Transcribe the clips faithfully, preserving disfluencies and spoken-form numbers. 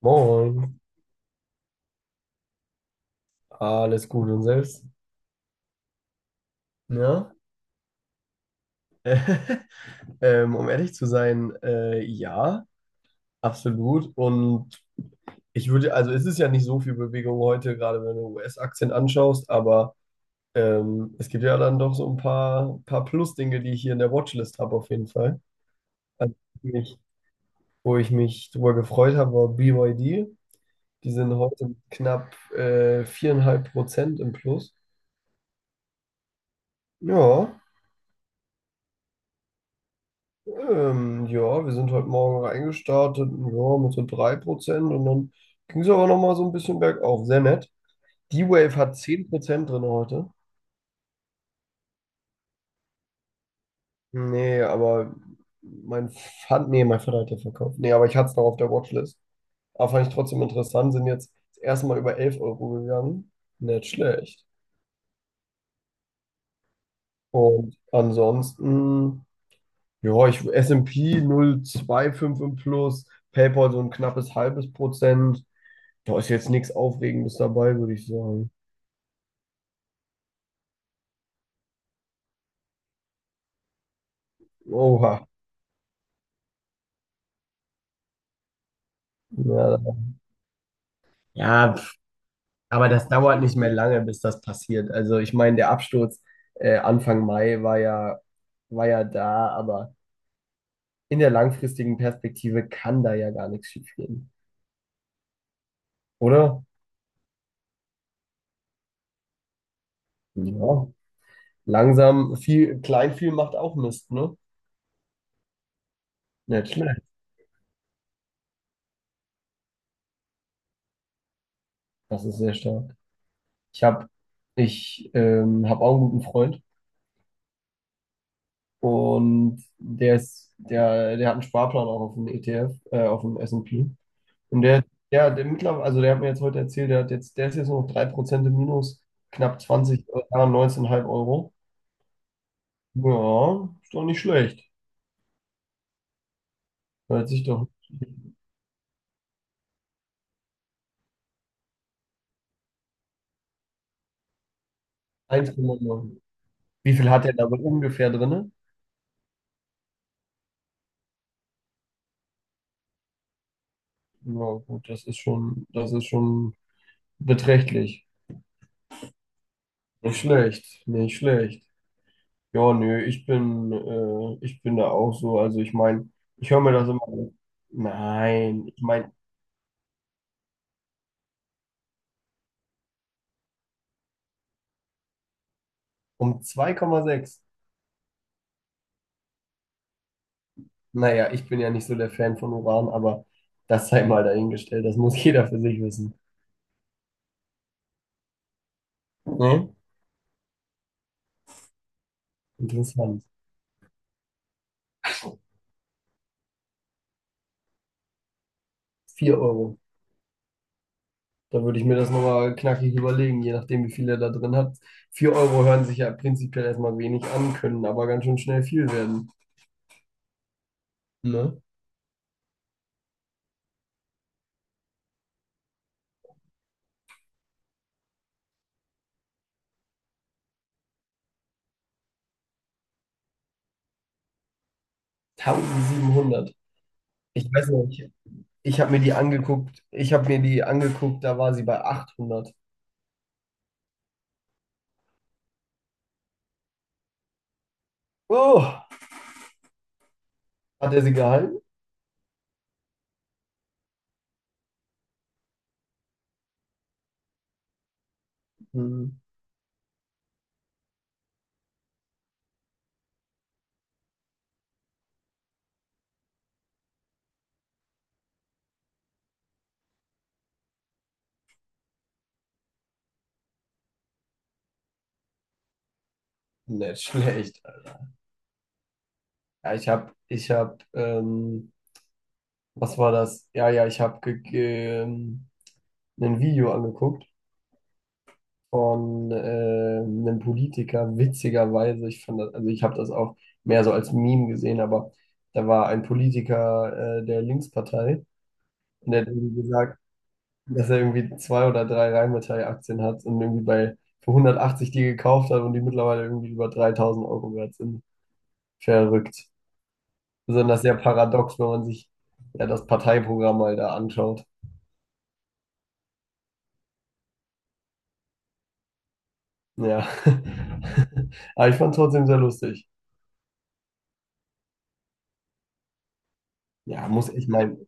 Moin, alles gut und selbst? Ja, ähm, um ehrlich zu sein, äh, ja, absolut. Und ich würde, also es ist ja nicht so viel Bewegung heute, gerade wenn du U S-Aktien anschaust, aber ähm, es gibt ja dann doch so ein paar, paar Plus-Dinge, die ich hier in der Watchlist habe, auf jeden Fall. Also, mich, wo ich mich drüber gefreut habe, war B Y D. Die sind heute mit knapp äh, vier Komma fünf Prozent im Plus. Ja. Ähm, ja, wir sind heute Morgen reingestartet, ja, mit so drei Prozent und dann ging es aber nochmal so ein bisschen bergauf. Sehr nett. D-Wave hat zehn Prozent drin heute. Nee, aber mein Vater, nee, mein Vater hat ja verkauft. Nee, aber ich hatte es noch auf der Watchlist. Aber fand ich trotzdem interessant, sind jetzt das erste Mal über elf Euro gegangen. Nicht schlecht. Und ansonsten, ja, ich S und P null S und P null Komma zwei fünf und plus, PayPal so ein knappes halbes Prozent. Da ist jetzt nichts Aufregendes dabei, würde ich sagen. Oha. Ja, ja, pf, aber das dauert nicht mehr lange, bis das passiert. Also ich meine, der Absturz äh, Anfang Mai war ja, war ja da, aber in der langfristigen Perspektive kann da ja gar nichts schief gehen, oder? Ja. Langsam, viel, klein viel macht auch Mist, ne? Nicht schlecht. Das ist sehr stark. Ich habe ich ähm, hab auch einen guten Freund. Und der ist, der, der hat einen Sparplan auch auf dem E T F, äh, auf dem S und P. Und P. Und der, der, der mittlerweile, also der hat mir jetzt heute erzählt, der hat jetzt, der ist jetzt nur noch drei Prozent im Minus, knapp zwanzig äh, neunzehn Komma fünf Euro. Ja, ist doch nicht schlecht. Hört sich doch eins Komma neun. Wie viel hat er da wohl ungefähr drinne? Ja, gut, das ist schon, das ist schon beträchtlich. Nicht schlecht, nicht schlecht. Ja, nö, ich bin, äh, ich bin da auch so. Also ich meine, ich höre mir das immer an. Nein, ich meine, um zwei Komma sechs. Naja, ich bin ja nicht so der Fan von Uran, aber das sei mal dahingestellt. Das muss jeder für sich wissen. Ne? Interessant. Vier Euro. Da würde ich mir das nochmal knackig überlegen, je nachdem, wie viel er da drin hat. Vier Euro hören sich ja prinzipiell erstmal wenig an, können aber ganz schön schnell viel werden. Ne? siebzehnhundert. Ich weiß noch nicht. Ich habe mir die angeguckt, ich habe mir die angeguckt, da war sie bei achthundert. Oh, hat er sie gehalten? Hm, nicht schlecht. Ja, ich habe, ich habe, ähm, was war das? Ja, ja, ich habe ge ge- ähm, ein Video angeguckt von äh, einem Politiker, witzigerweise. Ich fand das, also ich habe das auch mehr so als Meme gesehen, aber da war ein Politiker äh, der Linkspartei und der hat irgendwie gesagt, dass er irgendwie zwei oder drei Rheinmetall-Aktien hat und irgendwie bei für hundertachtzig die gekauft hat und die mittlerweile irgendwie über dreitausend Euro wert sind. Verrückt. Besonders sehr paradox, wenn man sich ja das Parteiprogramm mal da anschaut. Ja. Aber ich fand es trotzdem sehr lustig. Ja, muss ich meinen,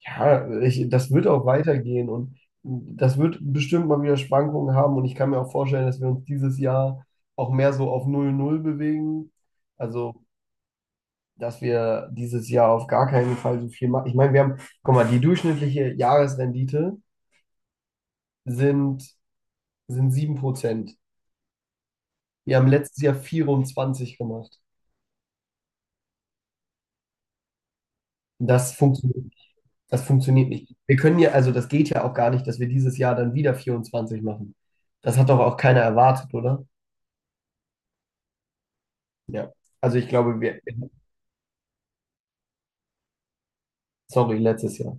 ja, ich, das wird auch weitergehen und das wird bestimmt mal wieder Schwankungen haben und ich kann mir auch vorstellen, dass wir uns dieses Jahr auch mehr so auf null null bewegen. Also dass wir dieses Jahr auf gar keinen Fall so viel machen. Ich meine, wir haben, guck mal, die durchschnittliche Jahresrendite sind, sind sieben Prozent. Wir haben letztes Jahr vierundzwanzig gemacht. Das funktioniert nicht. Das funktioniert nicht. Wir können ja, also das geht ja auch gar nicht, dass wir dieses Jahr dann wieder vierundzwanzig machen. Das hat doch auch keiner erwartet, oder? Ja. Also ich glaube, wir, sorry, letztes Jahr.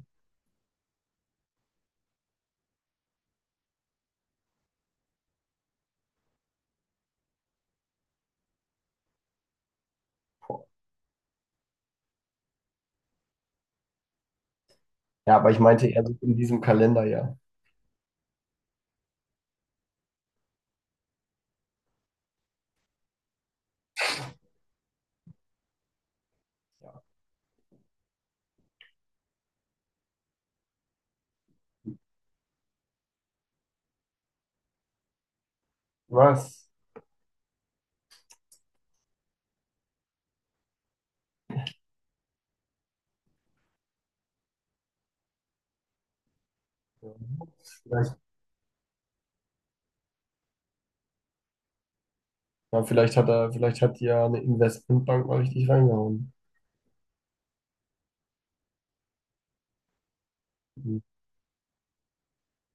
Ja, aber ich meinte eher so in diesem Kalenderjahr. Ja. Was? Ja. Ja, vielleicht hat er, vielleicht hat die ja eine Investmentbank mal richtig reingehauen.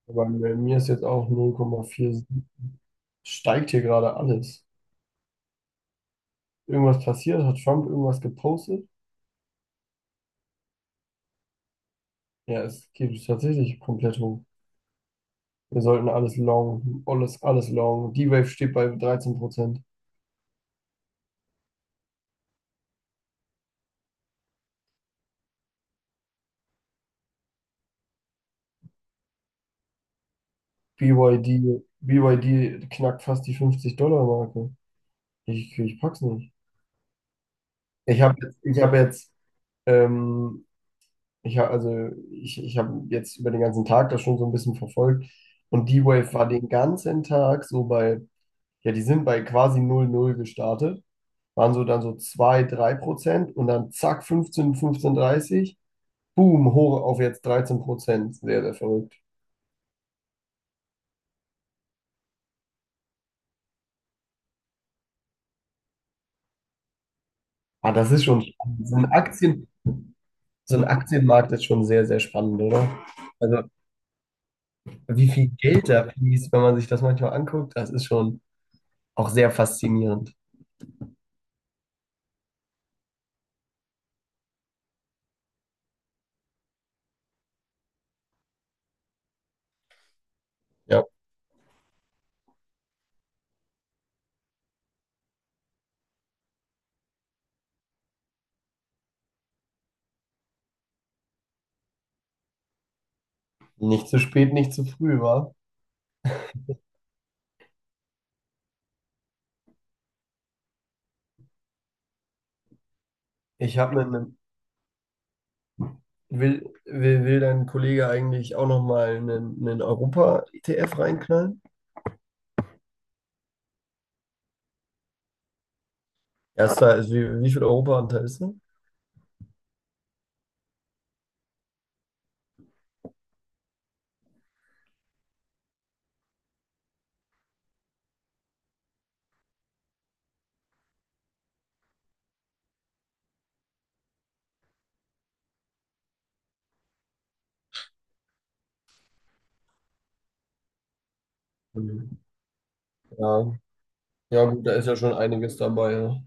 Aber bei mir ist jetzt auch null Komma vier. Steigt hier gerade alles. Irgendwas passiert? Hat Trump irgendwas gepostet? Ja, es geht tatsächlich komplett hoch. Wir sollten alles long, alles, alles long. D-Wave steht bei dreizehn Prozent. BYD, B Y D knackt fast die fünfzig dollar marke. Ich, ich pack's nicht. Ich habe jetzt, ich hab jetzt ähm, Ich habe also ich, ich habe jetzt über den ganzen Tag das schon so ein bisschen verfolgt und D-Wave war den ganzen Tag so bei, ja, die sind bei quasi null null gestartet, waren so dann so zwei drei Prozent und dann zack fünfzehn fünfzehn dreißig boom, hoch auf jetzt dreizehn Prozent. Sehr, sehr verrückt. Ah, das ist schon spannend. So ein Aktien, so ein Aktienmarkt ist schon sehr, sehr spannend, oder? Also, wie viel Geld da fließt, wenn man sich das manchmal anguckt, das ist schon auch sehr faszinierend. Ja, nicht zu spät, nicht zu früh, wa? Ich habe einen, will, will, will dein Kollege eigentlich auch nochmal einen, einen Europa-E T F reinknallen? Erster, also wie, wie viel Europa-Anteil ist da? Mhm. Ja. Ja, gut, da ist ja schon einiges dabei. Ja,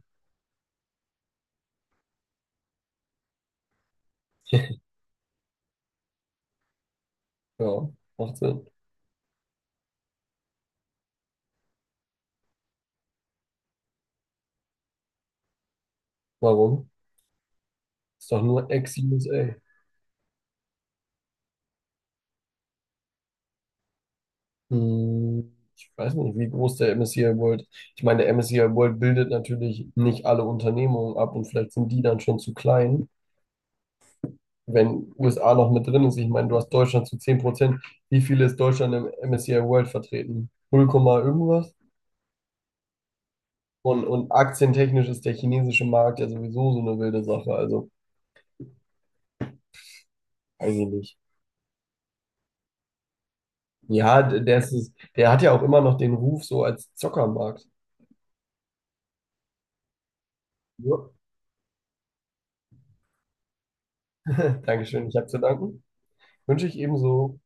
ja macht Sinn. Warum? Ist doch nur Ex-U S A. Hm, ich weiß nicht, wie groß der M S C I World. Ich meine, der M S C I World bildet natürlich nicht alle Unternehmungen ab und vielleicht sind die dann schon zu klein. Wenn U S A noch mit drin ist, ich meine, du hast Deutschland zu zehn Prozent, wie viel ist Deutschland im M S C I World vertreten? null, irgendwas? Und, und aktientechnisch ist der chinesische Markt ja sowieso so eine wilde Sache, also weiß ich nicht. Ja, d- der ist, es- der hat ja auch immer noch den Ruf so als Zockermarkt. Ja. Dankeschön, ich habe zu danken. Wünsche ich ebenso.